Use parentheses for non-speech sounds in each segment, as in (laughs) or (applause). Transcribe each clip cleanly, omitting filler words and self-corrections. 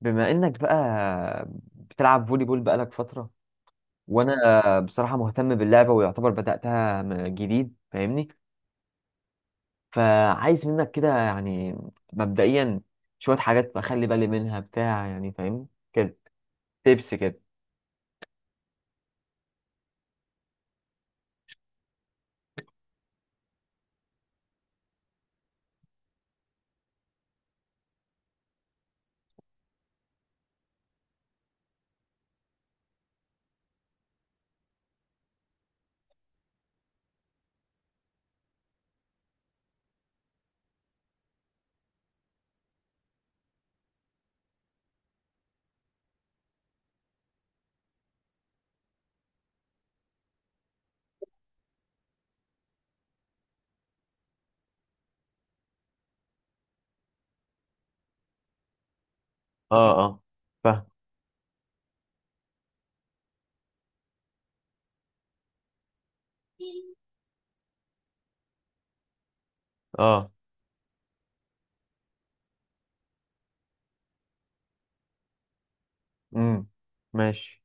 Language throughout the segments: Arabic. بما انك بقى بتلعب فولي بول بقالك فترة، وانا بصراحة مهتم باللعبة ويعتبر بدأتها جديد. فاهمني؟ فعايز منك كده، يعني مبدئيا، شوية حاجات بخلي بالي منها بتاع، يعني فاهم كده. تبس كده. اه، اه، فاهم، اه، امم، ماشي.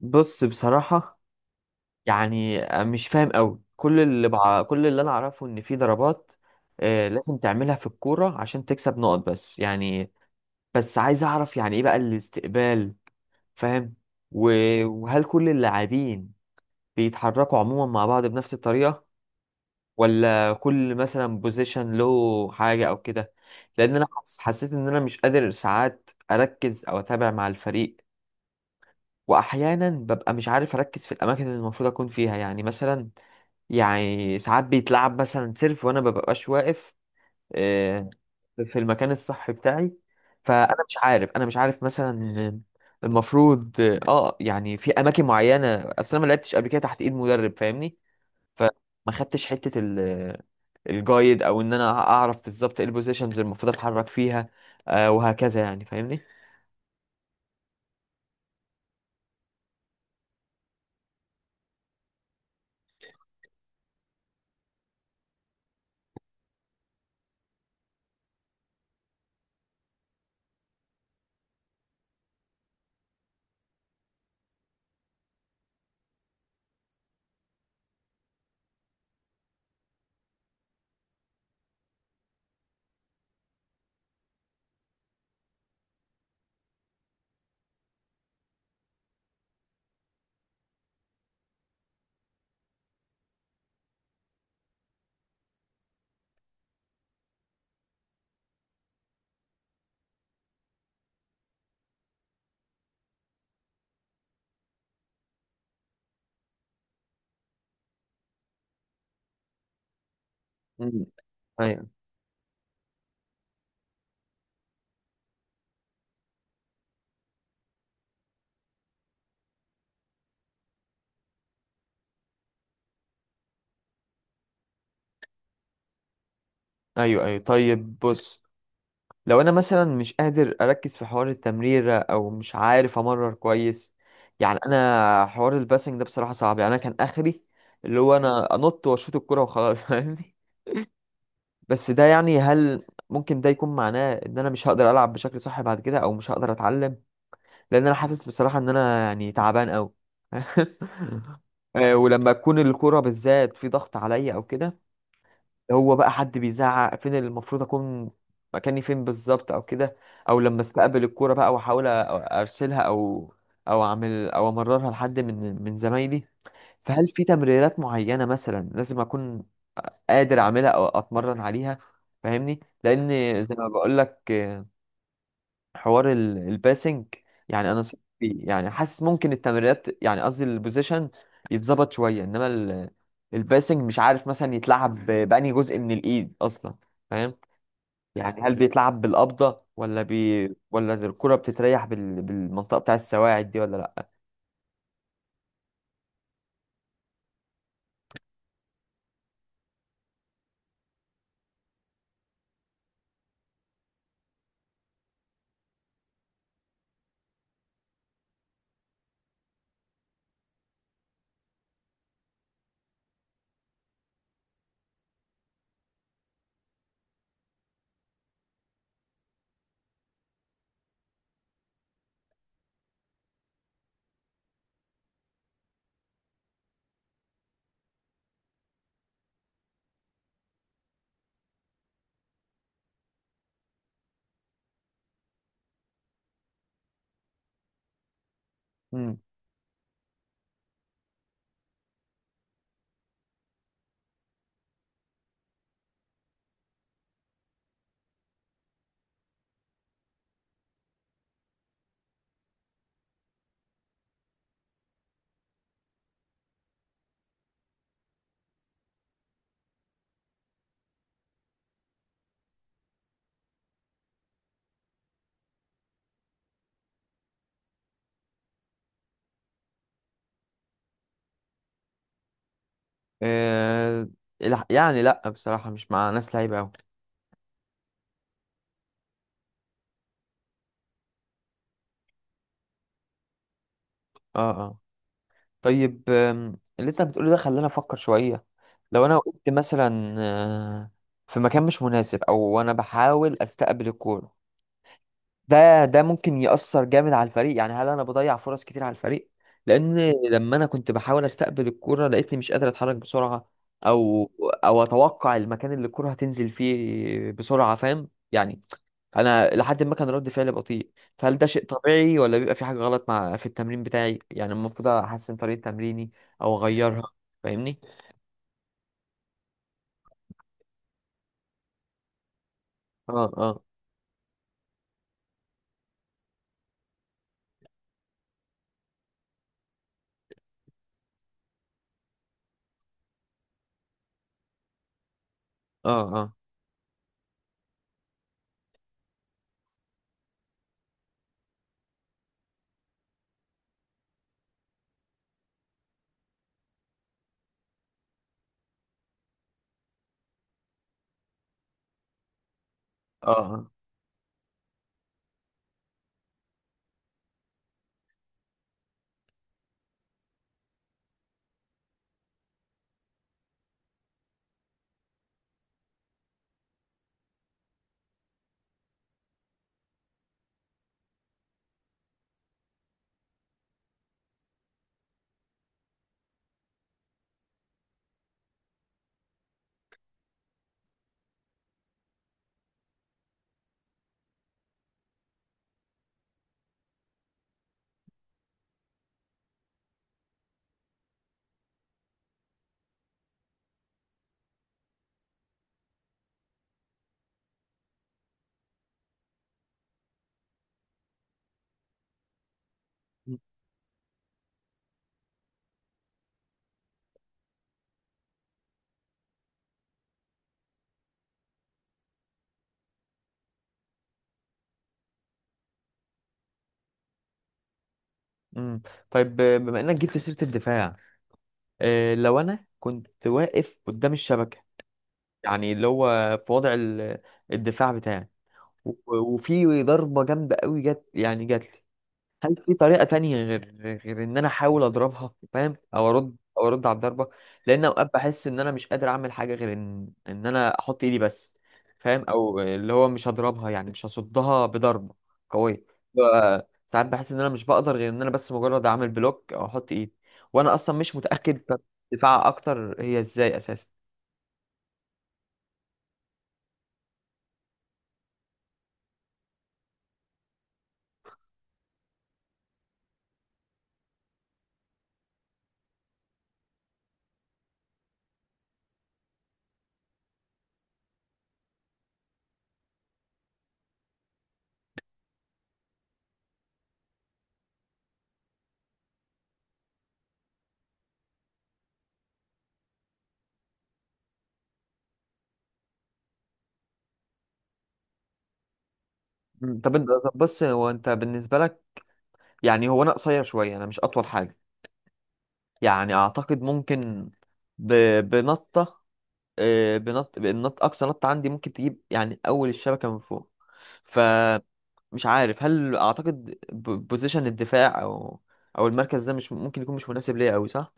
بص، بصراحة يعني مش فاهم قوي. كل اللي انا اعرفه ان في ضربات لازم تعملها في الكورة عشان تكسب نقط، بس يعني بس عايز اعرف يعني ايه بقى الاستقبال؟ فاهم. و... وهل كل اللاعبين بيتحركوا عموما مع بعض بنفس الطريقة، ولا كل مثلا بوزيشن له حاجة او كده؟ لان انا حسيت ان انا مش قادر ساعات اركز او اتابع مع الفريق. واحيانا ببقى مش عارف اركز في الاماكن اللي المفروض اكون فيها، يعني مثلا يعني ساعات بيتلعب مثلا سيرف وانا مببقاش واقف آه، في المكان الصح بتاعي. فانا مش عارف، انا مش عارف مثلا المفروض اه يعني في اماكن معينه. اصل انا ما لعبتش قبل كده تحت ايد مدرب فاهمني. فما خدتش حته الجايد، او ان انا اعرف بالظبط ايه البوزيشنز المفروض اتحرك فيها وهكذا، يعني فاهمني. مم. ايوه، ايوه، ايوه، طيب، بص. لو انا مثلا مش قادر اركز في حوار التمريرة او مش عارف امرر كويس، يعني انا حوار الباسنج ده بصراحة صعب. يعني انا كان اخري اللي هو انا انط واشوط الكرة وخلاص (laughs) فاهمني. بس ده يعني هل ممكن ده يكون معناه ان انا مش هقدر العب بشكل صح بعد كده، او مش هقدر اتعلم؟ لان انا حاسس بصراحة ان انا يعني تعبان قوي (laughs) ولما تكون الكرة بالذات في ضغط عليا او كده، هو بقى حد بيزعق فين اللي المفروض اكون مكاني فين بالظبط او كده، او لما استقبل الكوره بقى واحاول ارسلها او اعمل، او امررها لحد من زمايلي. فهل في تمريرات معينه مثلا لازم اكون قادر اعملها او اتمرن عليها؟ فاهمني، لان زي ما بقول لك حوار الباسنج، يعني انا صراحة يعني حاسس ممكن التمريرات، يعني قصدي البوزيشن يتظبط شويه، انما الباسنج مش عارف مثلا يتلعب بأنهي جزء من الايد اصلا، فاهم؟ يعني هل بيتلعب بالقبضه ولا بي، ولا الكره بتتريح بالمنطقه بتاع السواعد دي، ولا لا؟ امم. آه... يعني لا بصراحه مش مع ناس لعيبه قوي. اه، اه، طيب. اللي انت بتقوله ده خلاني افكر شويه. لو انا وقفت مثلا في مكان مش مناسب، او انا بحاول استقبل الكوره، ده ممكن يأثر جامد على الفريق. يعني هل انا بضيع فرص كتير على الفريق؟ لان لما انا كنت بحاول استقبل الكوره لقيتني مش قادر اتحرك بسرعه، او او اتوقع المكان اللي الكوره هتنزل فيه بسرعه، فاهم يعني. انا لحد ما كان رد فعلي بطيء. فهل ده شيء طبيعي ولا بيبقى في حاجه غلط مع في التمرين بتاعي؟ يعني المفروض احسن طريقه تمريني او اغيرها؟ فاهمني. اه، اه، اه، اه، اه، امم، طيب. بما انك جبت سيرة الدفاع، لو انا كنت واقف قدام الشبكة، يعني اللي هو في وضع الدفاع بتاعي، و- وفي ضربة جامدة قوي جت، يعني جت لي، هل في طريقة تانية غير إن أنا أحاول أضربها، فاهم؟ أو أرد، أو أرد على الضربة؟ لأن أوقات بحس إن أنا مش قادر أعمل حاجة غير إن أنا أحط إيدي بس، فاهم؟ أو اللي هو مش هضربها يعني مش هصدها بضربة قوية. ساعات بحس إن أنا مش بقدر غير إن أنا بس مجرد أعمل بلوك أو أحط إيدي. وأنا أصلا مش متأكد طب دفاع أكتر هي إزاي أساسا؟ مم، طب أنت، طب بص هو أنت بالنسبة لك، يعني هو أنا قصير شوية، أنا مش أطول حاجة. يعني أعتقد ممكن ب... بنطة، بنط بالنط اقصى نط عندي ممكن تجيب يعني اول الشبكه من فوق. فمش عارف هل اعتقد بوزيشن الدفاع او المركز ده مش ممكن يكون مش مناسب ليا قوي، صح؟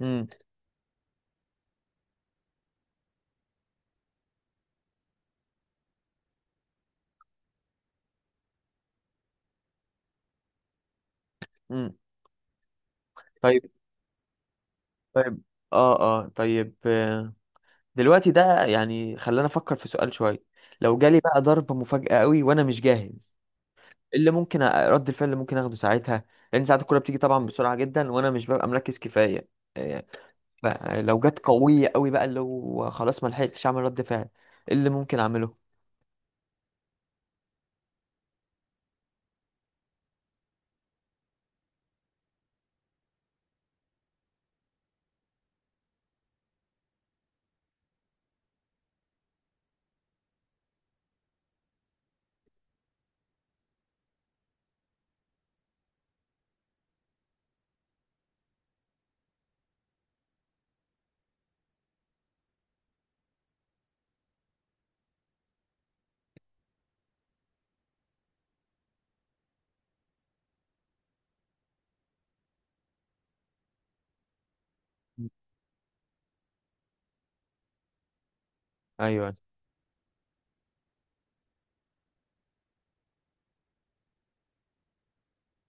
امم، امم، طيب، طيب. اه، اه، طيب. دلوقتي ده يعني خلاني افكر في سؤال شويه. لو جالي بقى ضربه مفاجاه قوي وانا مش جاهز، إيه اللي ممكن رد الفعل اللي ممكن اخده ساعتها؟ لان ساعات الكوره بتيجي طبعا بسرعه جدا وانا مش ببقى مركز كفايه. آه، بقى لو جت قوية قوي بقى اللي هو خلاص ما لحقتش اعمل رد فعل، إيه اللي ممكن اعمله؟ ايوه